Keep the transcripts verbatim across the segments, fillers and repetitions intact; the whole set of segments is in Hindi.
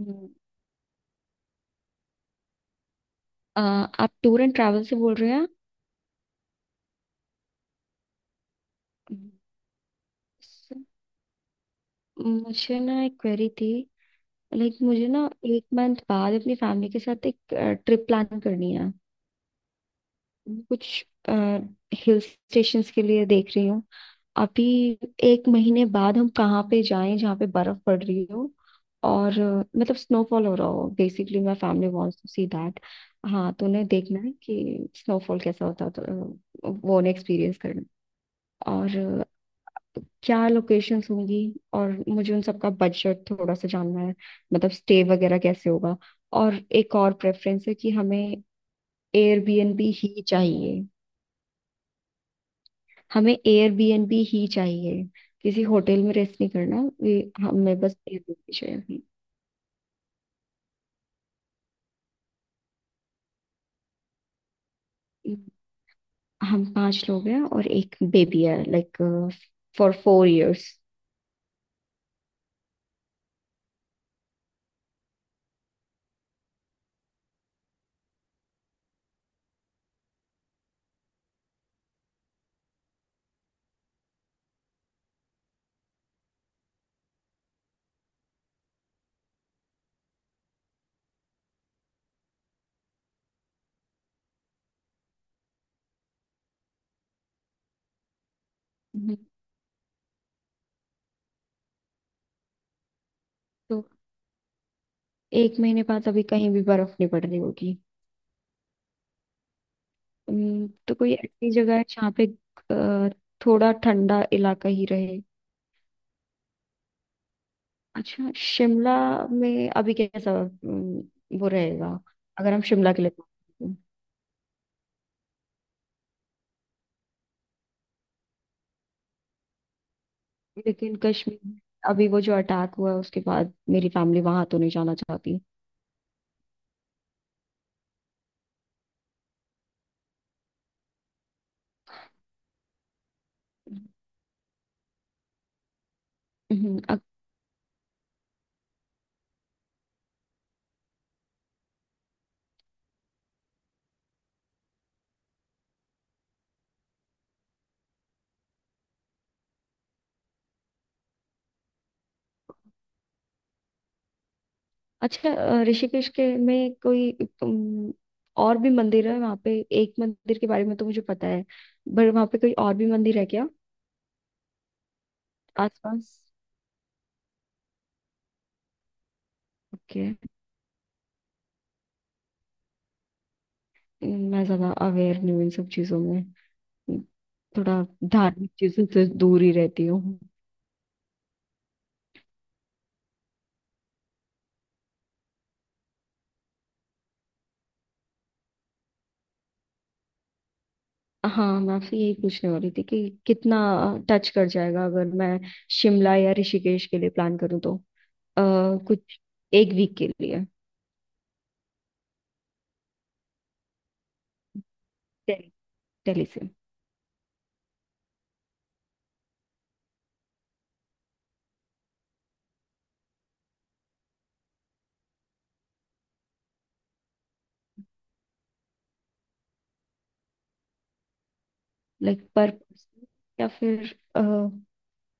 हम्म, अ, आप टूर एंड ट्रैवल से बोल रहे हैं। हम्म। सर, मुझे ना एक क्वेरी थी। लाइक मुझे ना एक मंथ बाद अपनी फैमिली के साथ एक ट्रिप प्लान करनी है। मैं कुछ हिल स्टेशंस के लिए देख रही हूँ अभी। एक महीने बाद हम कहाँ पे जाएं जहाँ पे बर्फ पड़ रही हो और अ, मतलब स्नोफॉल हो रहा हो। Basically my family wants to see that. हाँ, तो उन्हें देखना है कि स्नोफॉल कैसा होता है, तो अ, वो उन्हें एक्सपीरियंस करना है। और क्या लोकेशंस होंगी और मुझे उन सबका बजट थोड़ा सा जानना है। मतलब स्टे वगैरह कैसे होगा। और एक और प्रेफरेंस है कि हमें एयरबीएनबी ही चाहिए। हमें एयरबीएनबी ही चाहिए। किसी होटल में रेस्ट नहीं करना, ये हमें बस एयरबीएनबी चाहिए। हम्म, हम पांच लोग हैं और एक बेबी है, लाइक फॉर फोर इयर्स। तो एक महीने बाद अभी कहीं भी बर्फ नहीं पड़ रही होगी। हम्म, तो कोई ऐसी जगह है जहाँ पे अ, थोड़ा ठंडा इलाका ही रहे। अच्छा, शिमला में अभी कैसा हम्म, वो रहेगा, अगर हम शिमला के लिए बात करें। तो, लेकिन कश्मीर अभी वो जो अटैक हुआ है उसके बाद मेरी फैमिली वहां तो नहीं जाना चाहती। हम्म। अ- अच्छा, अ, ऋषिकेश के में कोई हम्म, और भी मंदिर है वहाँ पे? एक मंदिर के बारे में तो मुझे पता है पर वहाँ पे कोई और भी मंदिर है क्या आसपास? ओके। मैं ज्यादा अवेयर नहीं हूँ इन सब चीजों में, थोड़ा धार्मिक चीजों से दूर ही रहती हूँ। हाँ, मैं आपसे यही पूछने वाली थी कि कितना टच कर जाएगा अगर मैं शिमला या ऋषिकेश के लिए प्लान करूँ तो अ, कुछ एक वीक के लिए। दिल्ली, दिल्ली से। लाइक पर पर्सन या फिर अ,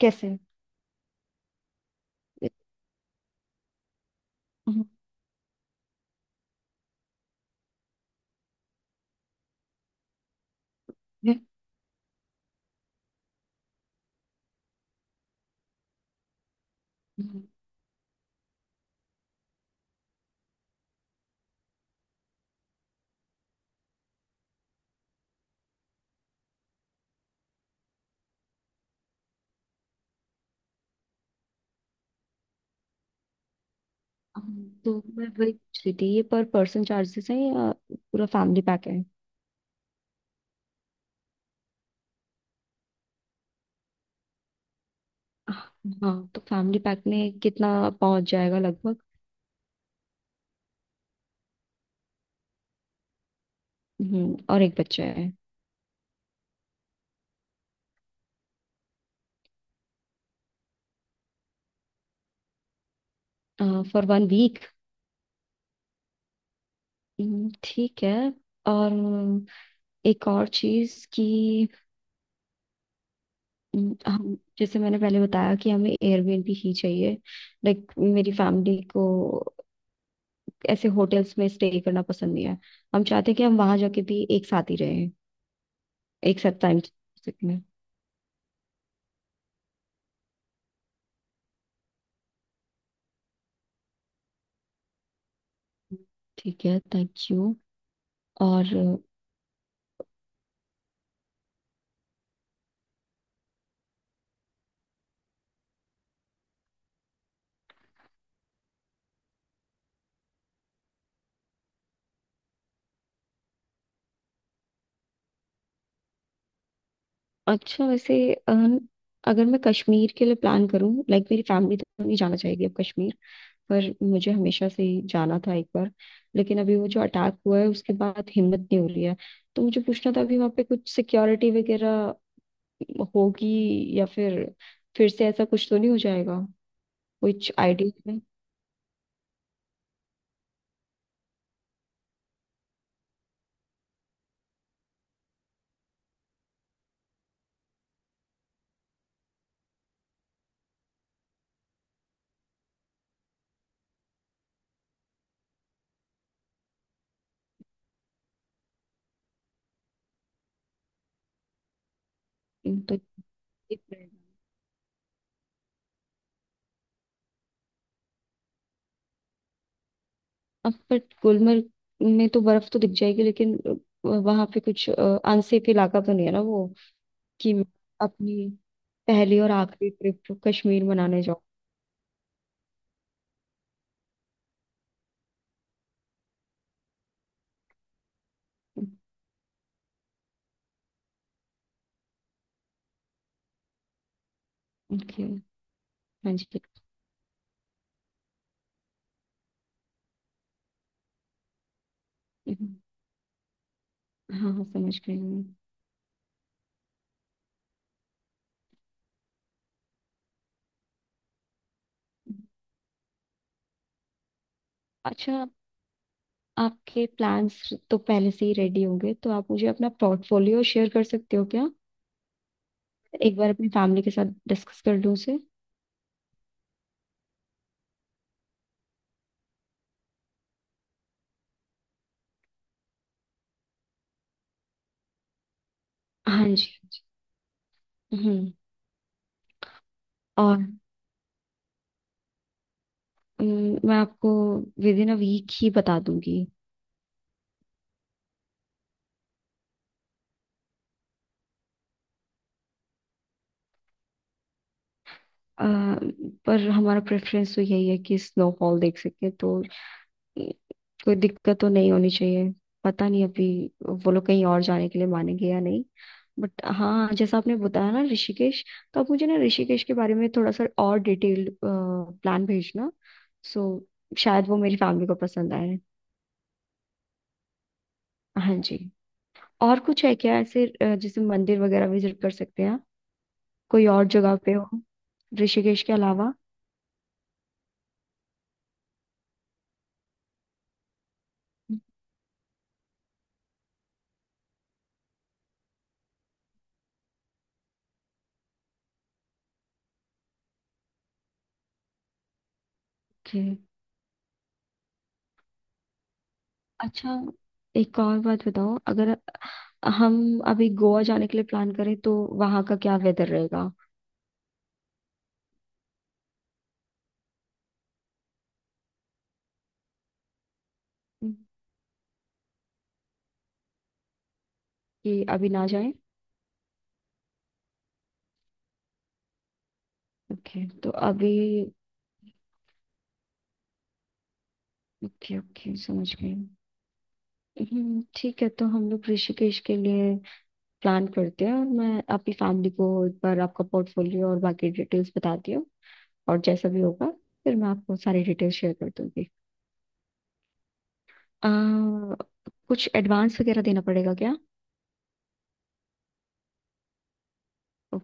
कैसे? हम्म, हम्म, हम्म, तो मैं वही पूछ रही थी, ये पर पर्सन चार्जेस है या पूरा फैमिली पैक? हाँ, तो फैमिली पैक में कितना पहुंच जाएगा लगभग? हम्म, और एक बच्चा है। For one week? ठीक है। और एक और चीज कि हम्म, हम, जैसे मैंने पहले बताया कि हमें एयरबीएनबी ही चाहिए। लाइक मेरी फैमिली को ऐसे होटल्स में स्टे करना पसंद नहीं है। हम चाहते हैं कि हम वहां जाके भी एक साथ ही रहें, एक साथ टाइम में। ठीक है, थैंक यू। और अच्छा, वैसे अ, अगर मैं कश्मीर के लिए प्लान करूं, लाइक मेरी फैमिली तो नहीं जाना चाहेगी अब कश्मीर, पर मुझे हमेशा से ही जाना था एक बार। लेकिन अभी वो जो अटैक हुआ है उसके बाद हिम्मत नहीं हो रही है। तो मुझे पूछना था अभी वहाँ पे कुछ सिक्योरिटी वगैरह होगी, या फिर फिर से ऐसा कुछ तो नहीं हो जाएगा? कुछ आइडिया है? हम्म, तो ठीक रहेगा। अब बट गुलमर्ग में तो बर्फ तो दिख जाएगी, लेकिन वहां पे कुछ अनसेफ इलाका तो नहीं है ना वो, कि अपनी पहली और आखिरी ट्रिप कश्मीर मनाने जाओ। ओके। हाँ जी। हाँ हाँ, समझ गई मैं। अच्छा, आपके प्लान्स तो पहले से ही रेडी होंगे, तो आप मुझे अपना पोर्टफोलियो शेयर कर सकते हो क्या? एक बार अपनी फैमिली के साथ डिस्कस कर लूँ उसे। हाँ जी, हाँ जी। हम्म। और अम, मैं आपको विद इन अ वीक ही बता दूंगी। अ, पर हमारा प्रेफरेंस तो यही है कि स्नोफॉल देख सके, तो कोई दिक्कत तो नहीं होनी चाहिए। पता नहीं अभी वो लोग कहीं और जाने के लिए मानेंगे या नहीं, बट हाँ, जैसा आपने बताया ना ऋषिकेश, तो आप मुझे ना ऋषिकेश के बारे में थोड़ा सा और डिटेल्ड प्लान भेजना, सो शायद वो मेरी फैमिली को पसंद आए। हाँ जी। और कुछ है क्या ऐसे, अ, जैसे मंदिर वगैरह विजिट कर सकते हैं आप? कोई और जगह पे हो ऋषिकेश के अलावा? ओके। अच्छा, एक और बात बताओ, अगर हम अभी गोवा जाने के लिए प्लान करें तो वहाँ का क्या वेदर रहेगा? कि अभी ना जाएं? ओके, तो अभी? ओके ओके, समझ गई। हम्म, ठीक है, तो हम लोग ऋषिकेश के लिए प्लान करते हैं और मैं आपकी फैमिली को एक बार आपका पोर्टफोलियो और बाकी डिटेल्स बताती हूँ, और जैसा भी होगा फिर मैं आपको सारी डिटेल्स शेयर कर दूंगी। आ, कुछ एडवांस वगैरह देना पड़ेगा क्या? ओ।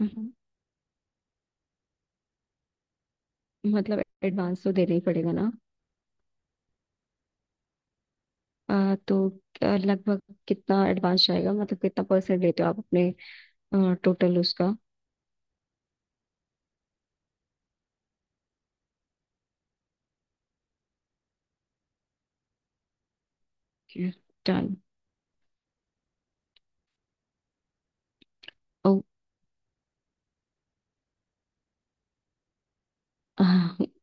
हम्म, मतलब एडवांस तो देना ही पड़ेगा ना? आ, तो आ, लगभग कितना एडवांस जाएगा? मतलब कितना परसेंट लेते हो आप अपने टोटल उसका? डन। ओ।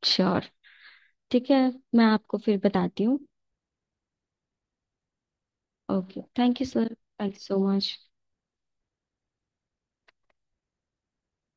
श्योर। ठीक है, मैं आपको फिर बताती हूँ। Okay, thank you sir, thank you so much.